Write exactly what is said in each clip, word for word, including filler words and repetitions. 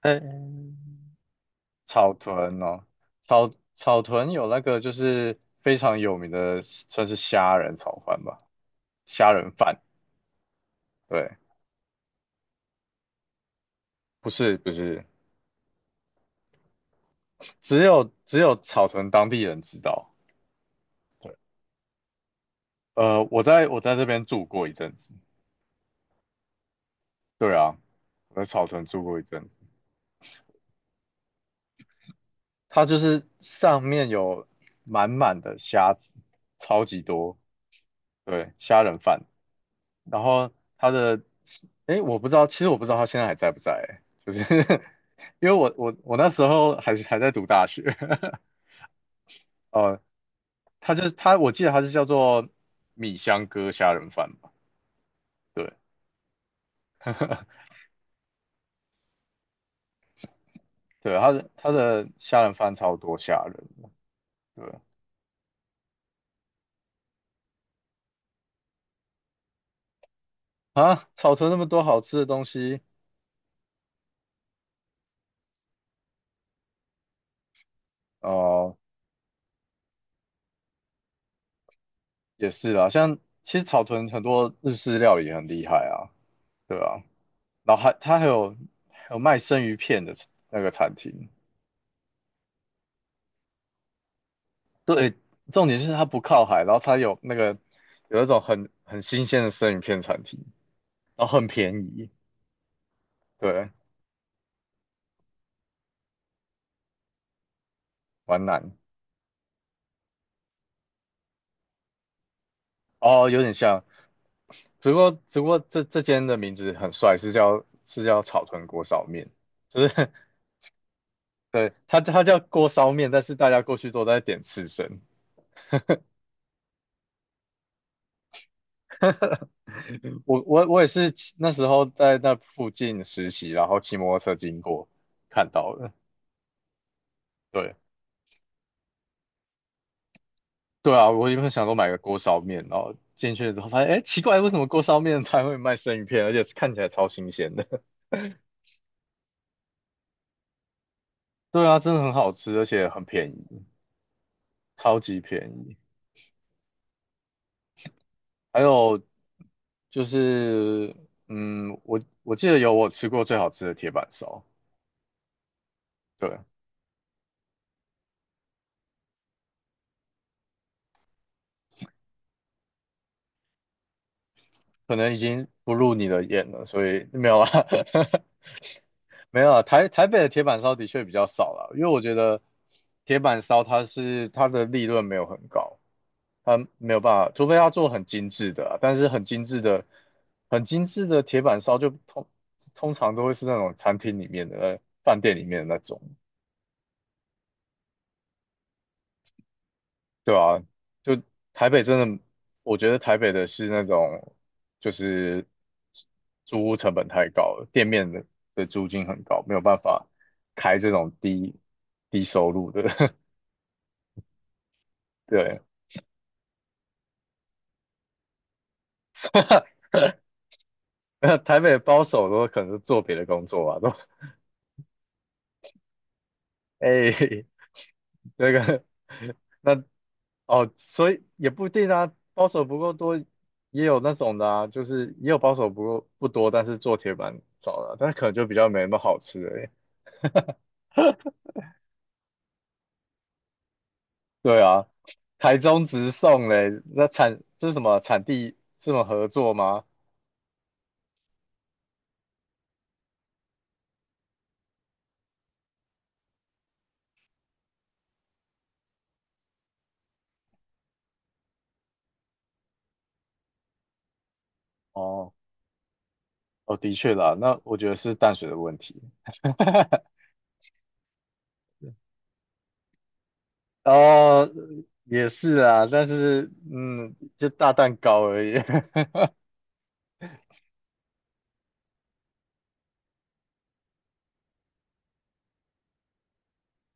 哎，草屯哦，草草屯有那个就是非常有名的，算是虾仁炒饭吧，虾仁饭。对，不是不是，只有只有草屯当地人知道。对，呃，我在我在这边住过一阵子。对啊，我在草屯住过一阵子。它就是上面有满满的虾子，超级多。对，虾仁饭。然后他的，哎，我不知道，其实我不知道他现在还在不在，就是 因为我我我那时候还是还在读大学，呃，他就是他，我记得他是叫做米香哥虾仁饭吧，对 对，他的他的虾仁饭超多虾仁，对啊，草屯那么多好吃的东西，哦、也是啦，像其实草屯很多日式料理也很厉害啊，对啊，然后还他还有还有卖生鱼片的那个餐厅。对，重点是它不靠海，然后它有那个有一种很很新鲜的生鱼片产品，然后很便宜，对，皖南哦，有点像，只不过只不过这这间的名字很帅，是叫是叫草屯锅烧面，就是 对它它叫锅烧面，但是大家过去都在点刺身。我我我也是骑那时候在那附近实习，然后骑摩托车经过看到的，对，对啊，我原本想说买个锅烧面，然后进去之后发现，哎，奇怪，为什么锅烧面摊会卖生鱼片，而且看起来超新鲜的？对啊，真的很好吃，而且很便宜，超级便宜。还有就是，嗯，我我记得有我吃过最好吃的铁板烧，对，可能已经不入你的眼了，所以没有啦。没有啊，台台北的铁板烧的确比较少了，因为我觉得铁板烧它是它的利润没有很高，它没有办法，除非它做很精致的啊但是很精致的、很精致的铁板烧就通通常都会是那种餐厅里面的、呃饭店里面的那种。对啊，就台北真的，我觉得台北的是那种，就是租屋成本太高了，店面的的租金很高，没有办法开这种低低收入的。对，那台北的包手都可能是做别的工作吧？都 哎、那个那哦，所以也不一定啊，包手不够多，也有那种的啊，就是也有包手不够不多，但是做铁板烧的啊但是可能就比较没那么好吃的。对啊，台中直送嘞，那产这是什么产地这么合作吗？哦哦，的确啦，那我觉得是淡水的问题。哦，也是啊，但是嗯，就大蛋糕而已。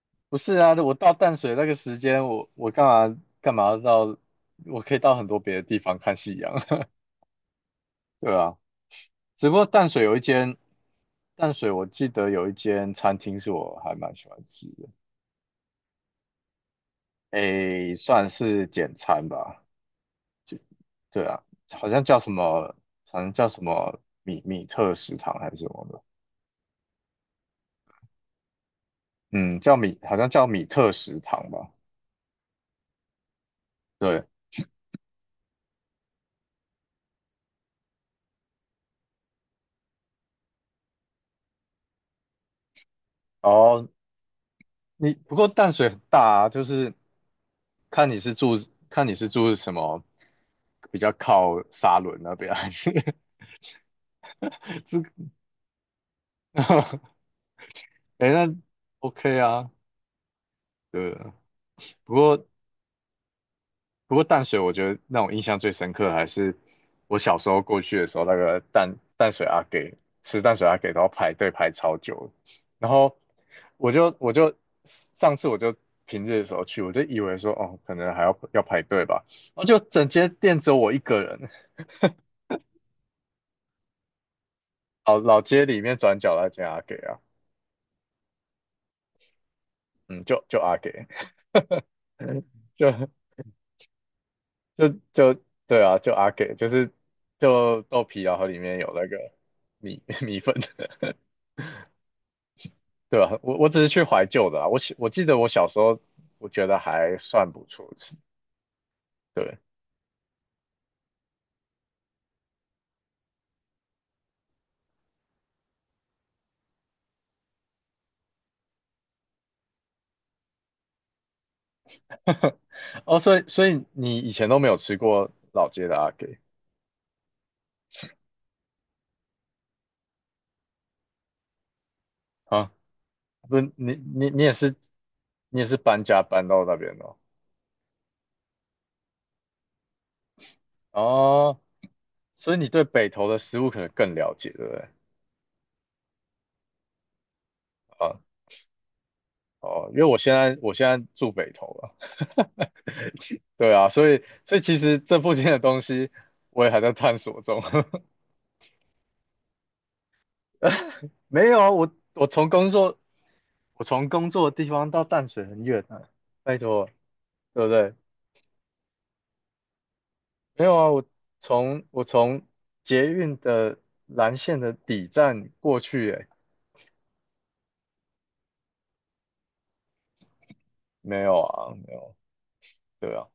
不是啊，我到淡水那个时间，我我干嘛干嘛要到，我可以到很多别的地方看夕阳，对啊。只不过淡水有一间，淡水我记得有一间餐厅是我还蛮喜欢吃的，诶，算是简餐吧，对啊，好像叫什么，好像叫什么米米特食堂还是什么的，嗯，叫米，好像叫米特食堂吧，对，哦，你不过淡水很大啊，就是看你是住，看你是住什么，比较靠沙仑那边还是 这，哎，那 OK 啊，对啊，不过。不过淡水，我觉得让我印象最深刻的还是我小时候过去的时候，那个淡淡水阿给吃淡水阿给都要排队排超久的，然后我就我就上次我就平日的时候去，我就以为说哦，可能还要要排队吧，然后就整间店只有我一个人，哦老街里面转角那间阿给啊，嗯，就就阿给，就就就对啊，就阿给，就是就豆皮，然后里面有那个米 米粉。对吧？我我只是去怀旧的啊。我喜我记得我小时候，我觉得还算不错吃。对，哦，所以所以你以前都没有吃过老街的阿给啊？不是，你你你也是你也是搬家搬到那边的哦。哦，所以你对北投的食物可能更了解，对不对？啊，哦，因为我现在我现在住北投了。对啊，所以所以其实这附近的东西我也还在探索中。没有啊，我我从工作，我从工作的地方到淡水很远啊，拜托啊，对不对？没有啊，我从我从捷运的蓝线的底站过去，诶，没有啊，没有，对啊。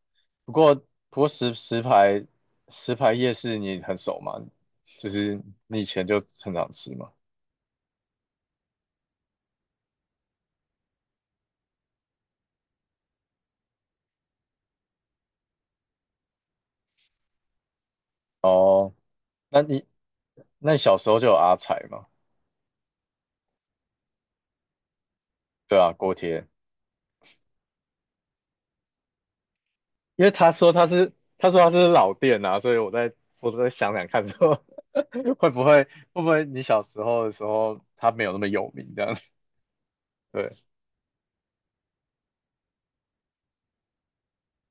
不过不过石石牌石牌夜市你很熟吗？就是你以前就很常吃嘛。哦，那你那你小时候就有阿财吗？对啊，锅贴。因为他说他是他说他是老店啊，所以我在我在想想看说 会不会会不会你小时候的时候他没有那么有名这样？对，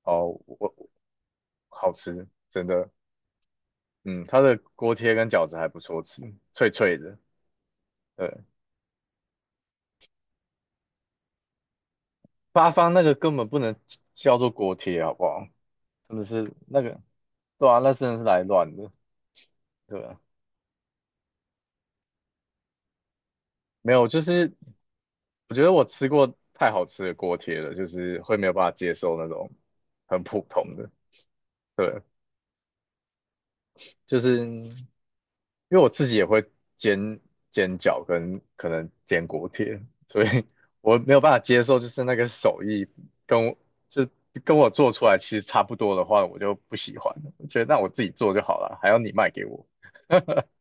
哦，我好吃，真的，嗯，他的锅贴跟饺子还不错吃，脆脆的，对，八方那个根本不能叫做锅贴好不好？真的是那个，对啊，那真的是来乱的，对啊，没有，就是我觉得我吃过太好吃的锅贴了，就是会没有办法接受那种很普通的。对，就是因为我自己也会煎煎饺跟可能煎锅贴，所以我没有办法接受，就是那个手艺跟我就跟我做出来其实差不多的话，我就不喜欢了。我觉得那我自己做就好了，还要你卖给我。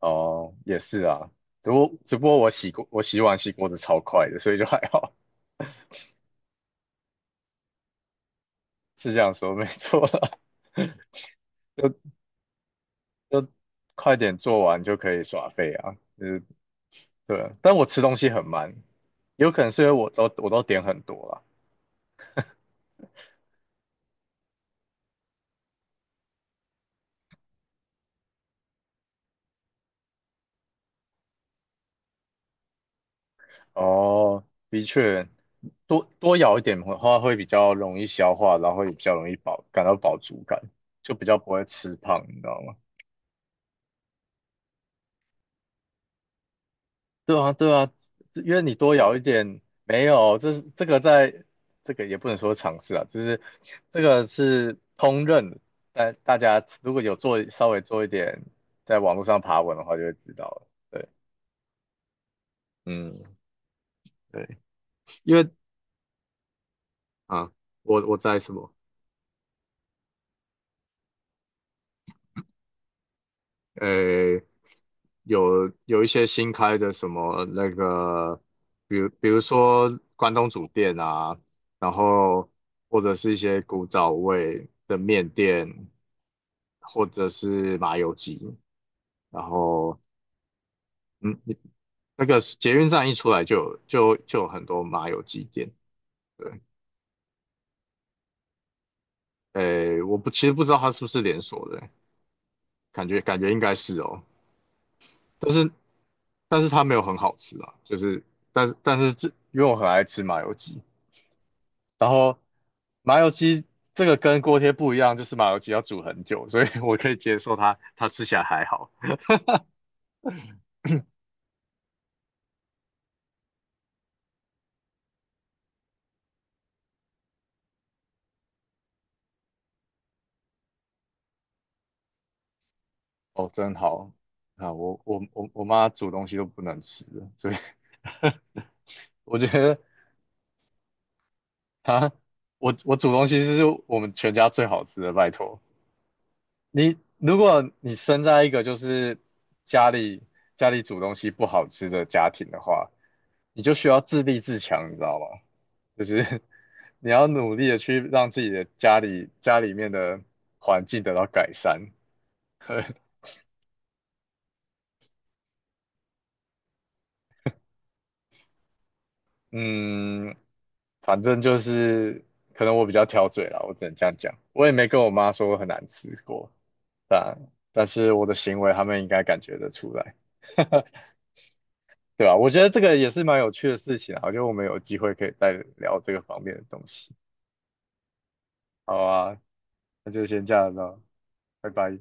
哦，也是啊，只不过只不过我洗锅我洗碗洗锅子超快的，所以就还好，是这样说没错啦。就就快点做完就可以耍废啊，就是对，但我吃东西很慢，有可能是因为我都我都点很多啦。哦，的确，多多咬一点的话会比较容易消化，然后也比较容易饱，感到饱足感，就比较不会吃胖，你知道吗？对啊，对啊，因为你多咬一点，没有，这是这个在这个也不能说尝试啊，就是这个是通认的但大家如果有做稍微做一点在网络上爬文的话，就会知道了。对，嗯，对。因为啊，我我在什么？呃，有有一些新开的什么那个，比如比如说关东煮店啊，然后或者是一些古早味的面店，或者是麻油鸡，然后嗯，你那个捷运站一出来就有就就有很多麻油鸡店，对，呃，我不其实不知道它是不是连锁的，感觉感觉应该是哦。但是但是它没有很好吃啊，就是但是但是这因为我很爱吃麻油鸡，然后麻油鸡这个跟锅贴不一样，就是麻油鸡要煮很久，所以我可以接受它它吃起来还好。哦，真好啊！我我我我妈煮东西都不能吃的，所以 我觉得她我我煮东西是我们全家最好吃的，拜托。你如果你生在一个就是家里家里煮东西不好吃的家庭的话，你就需要自立自强，你知道吗？就是 你要努力的去让自己的家里家里面的环境得到改善。嗯，反正就是可能我比较挑嘴啦，我只能这样讲。我也没跟我妈说我很难吃过，但但是我的行为他们应该感觉得出来。对啊，我觉得这个也是蛮有趣的事情啊，我觉得我们有机会可以再聊这个方面的东西。好啊，那就先这样了，拜拜。